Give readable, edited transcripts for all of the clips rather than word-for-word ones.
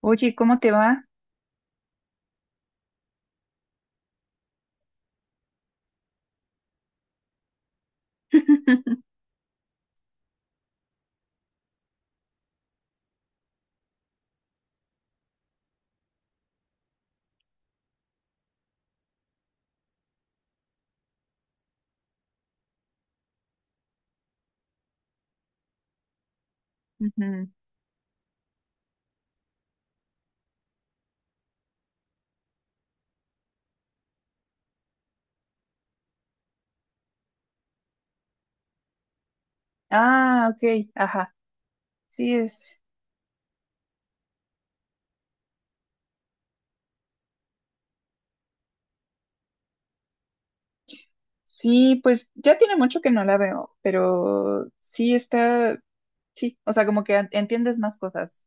Oye, ¿cómo te va? Ujú. Ah, ok, ajá. Sí, es. Sí, pues ya tiene mucho que no la veo, pero sí está. Sí, o sea, como que entiendes más cosas.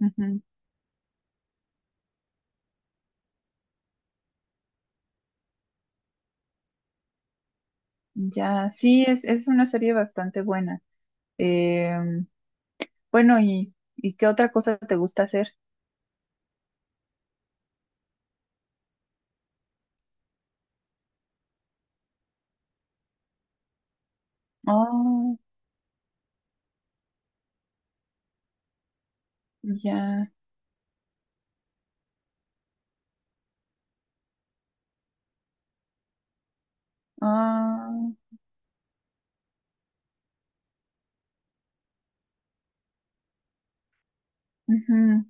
Ujú. Ya, sí, es una serie bastante buena. Em, bueno, ¿ y qué otra cosa te gusta hacer? Oh, ya. Ah, ujú,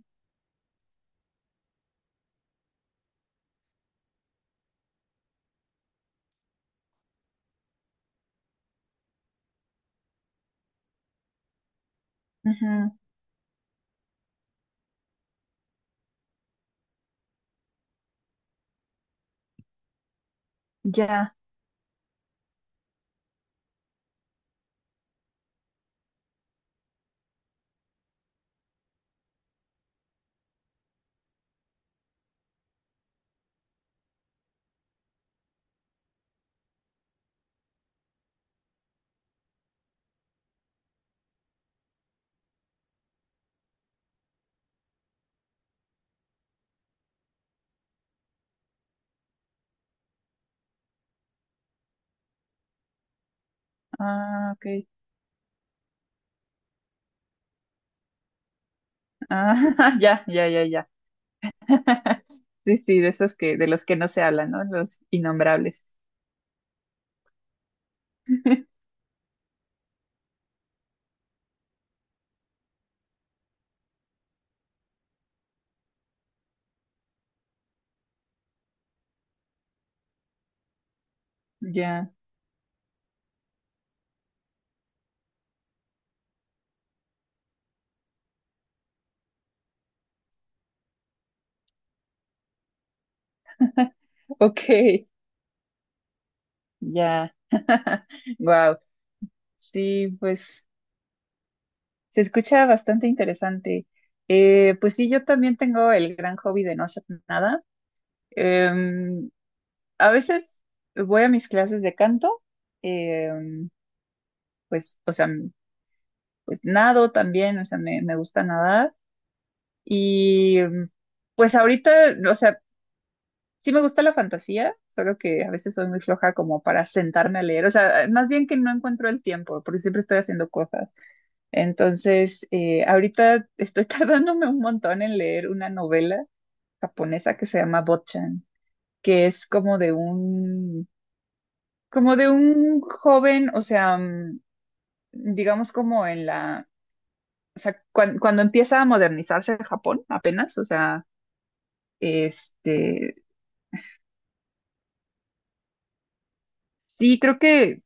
ujú. Ya. Ah, ok. Ah, ya, ya, ya, ya. Sí, sí, de esos que, de los que no se hablan, ¿no? Los innombrables. Ya, ok, ya, wow. Sí, pues se escucha bastante interesante. Pues sí, yo también tengo el gran hobby de no hacer nada. Em, a veces voy a mis clases de canto, em, pues, o sea, pues nado también, o sea, me gusta nadar. Y pues ahorita, o sea, sí me gusta la fantasía, solo que a veces soy muy floja como para sentarme a leer. O sea, más bien que no encuentro el tiempo, porque siempre estoy haciendo cosas. Entonces, ahorita estoy tardándome un montón en leer una novela japonesa que se llama Botchan, que es como de un joven, o sea, digamos como en la, o sea, cuando empieza a modernizarse Japón apenas, o sea, este, sí, creo que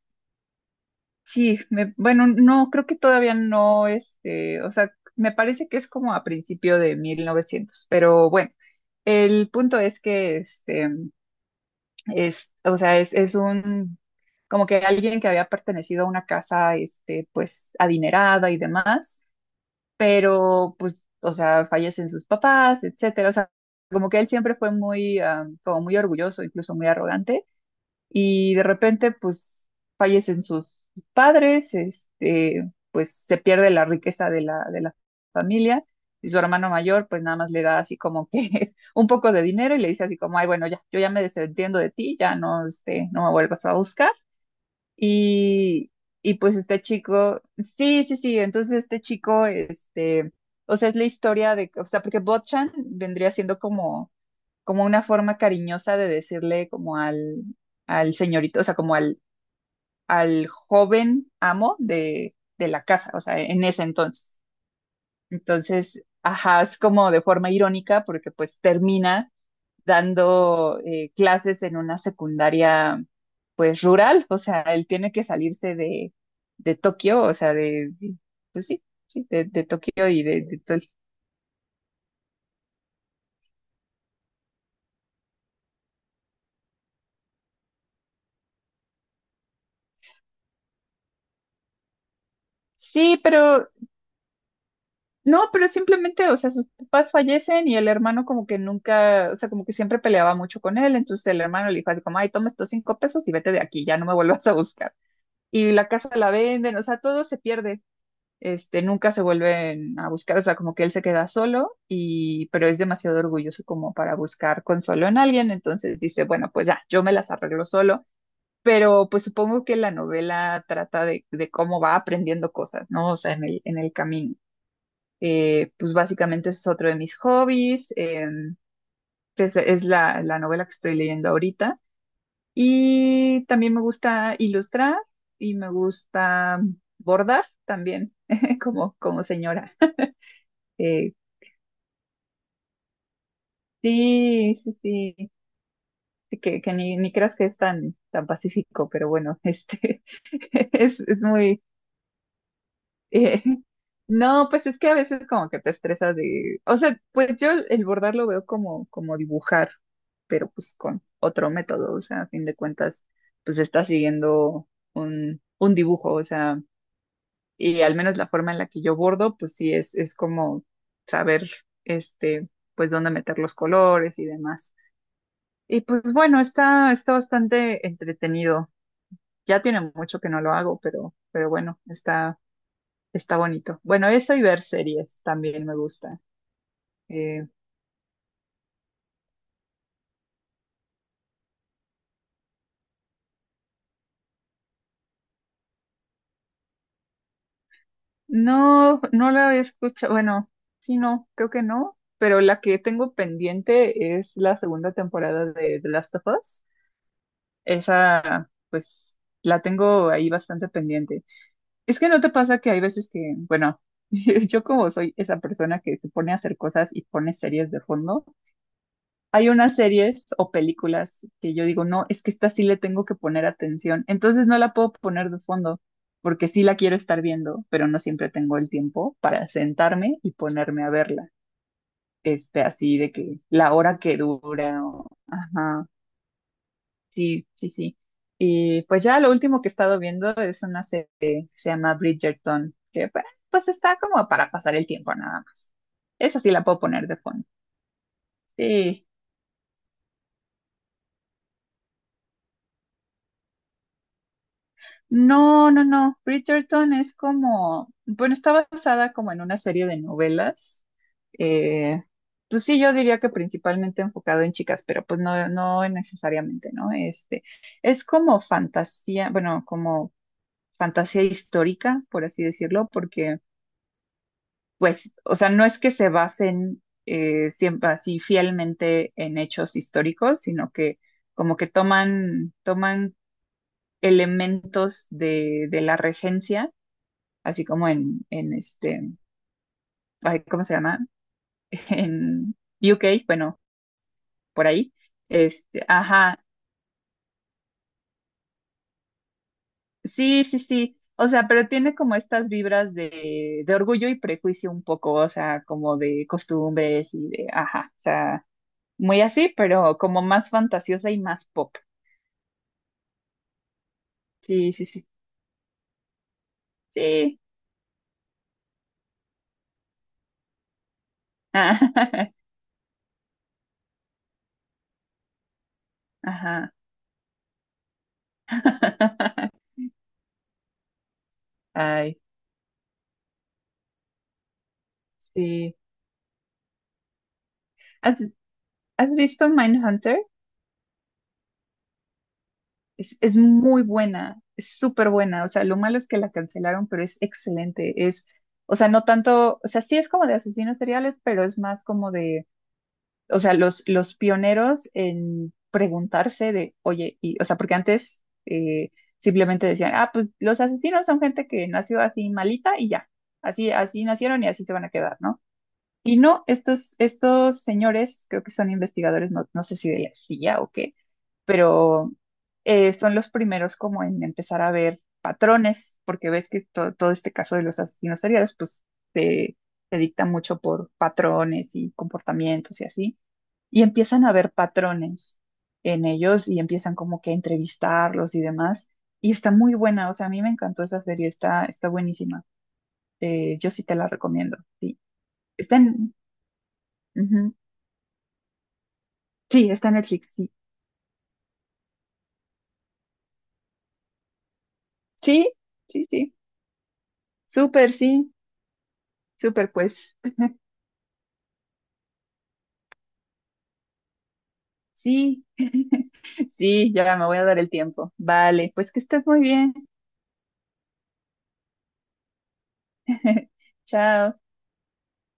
sí, me, bueno, no, creo que todavía no, este, o sea, me parece que es como a principio de 1900, pero bueno, el punto es que, este, es, o sea, es un, como que alguien que había pertenecido a una casa, este, pues, adinerada y demás, pero, pues, o sea, fallecen sus papás, etcétera, o sea, como que él siempre fue muy, como muy orgulloso, incluso muy arrogante, y de repente pues fallecen sus padres, este, pues se pierde la riqueza de la familia y su hermano mayor pues nada más le da así como que un poco de dinero y le dice así como, ay, bueno, ya, yo ya me desentiendo de ti, ya no, este, no me vuelvas a buscar. Y, y pues este chico, sí, sí, sí, entonces este chico, este, o sea, es la historia de, o sea, porque Botchan vendría siendo como como una forma cariñosa de decirle como al, al señorito, o sea, como al, al joven amo de la casa, o sea, en ese entonces. Entonces, ajá, es como de forma irónica porque pues termina dando clases en una secundaria pues rural, o sea, él tiene que salirse de, Tokio, o sea, de- pues sí, sí, de Tokio y de, todo el- Sí, pero no, pero simplemente, o sea, sus papás fallecen y el hermano como que nunca, o sea, como que siempre peleaba mucho con él, entonces el hermano le dijo así como, ay, toma estos 5 pesos y vete de aquí, ya no me vuelvas a buscar. Y la casa la venden, o sea, todo se pierde, este, nunca se vuelven a buscar, o sea, como que él se queda solo y, pero es demasiado orgulloso como para buscar consuelo en alguien, entonces dice, bueno, pues ya, yo me las arreglo solo. Pero pues supongo que la novela trata de cómo va aprendiendo cosas, ¿no? O sea, en el camino. Pues básicamente ese es otro de mis hobbies. Es la, la novela que estoy leyendo ahorita. Y también me gusta ilustrar y me gusta bordar también, como, como señora. Eh, sí, sí, sí, sí, que ni, ni creas que es tan, tan pacífico, pero bueno, este es muy, Eh, no, pues es que a veces como que te estresas de, o sea, pues yo el bordar lo veo como, como dibujar, pero pues con otro método, o sea, a fin de cuentas, pues está siguiendo un dibujo, o sea, y al menos la forma en la que yo bordo, pues sí es como saber, este, pues dónde meter los colores y demás. Y pues bueno, está, está bastante entretenido. Ya tiene mucho que no lo hago, pero bueno, está está bonito. Bueno, eso y ver series también me gusta. Eh, no, no la he escuchado. Bueno, sí, no, creo que no. Pero la que tengo pendiente es la segunda temporada de The Last of Us. Esa, pues, la tengo ahí bastante pendiente. Es que no te pasa que hay veces que, bueno, yo como soy esa persona que se pone a hacer cosas y pone series de fondo, hay unas series o películas que yo digo, no, es que esta sí le tengo que poner atención, entonces no la puedo poner de fondo porque sí la quiero estar viendo, pero no siempre tengo el tiempo para sentarme y ponerme a verla, este, así de que la hora que dura, o- ajá, sí, sí, sí. Y pues ya lo último que he estado viendo es una serie que se llama Bridgerton, que pues pues, está como para pasar el tiempo nada más. Esa sí la puedo poner de fondo. Sí. No, no, no. Bridgerton es como, bueno, está basada como en una serie de novelas. Eh, pues sí, yo diría que principalmente enfocado en chicas, pero pues no, no necesariamente, ¿no? Este, es como fantasía, bueno, como fantasía histórica, por así decirlo, porque pues, o sea, no es que se basen siempre así fielmente en hechos históricos, sino que como que toman, toman elementos de la regencia así como en este, ay, ¿cómo se llama? En UK bueno, por ahí. Este, ajá, sí, sí, sí. O sea, pero tiene como estas vibras de orgullo y prejuicio un poco, o sea, como de costumbres y de, ajá, o sea, muy así, pero como más fantasiosa y más pop. Sí, sí, sí, sí. Ajá. Ay, sí. ¿Has, has visto Mindhunter? Es muy buena, es súper buena. O sea, lo malo es que la cancelaron, pero es excelente. Es, o sea, no tanto, o sea, sí es como de asesinos seriales, pero es más como de, o sea, los pioneros en preguntarse de, oye, y, o sea, porque antes simplemente decían, ah, pues los asesinos son gente que nació así malita y ya, así, así nacieron y así se van a quedar, ¿no? Y no, estos, estos señores, creo que son investigadores, no, no sé si de la CIA o qué, pero son los primeros como en empezar a ver patrones, porque ves que todo este caso de los asesinos seriales, pues se, se dicta mucho por patrones y comportamientos y así, y empiezan a ver patrones en ellos y empiezan como que a entrevistarlos y demás, y está muy buena, o sea, a mí me encantó esa serie, está, está buenísima. Yo sí te la recomiendo, sí. Está en... ujú. Sí, está en Netflix, sí. Sí, sí, sí. Súper, sí. Súper, pues. Sí, sí, ya me voy a dar el tiempo. Vale, pues que estés muy bien. Chao.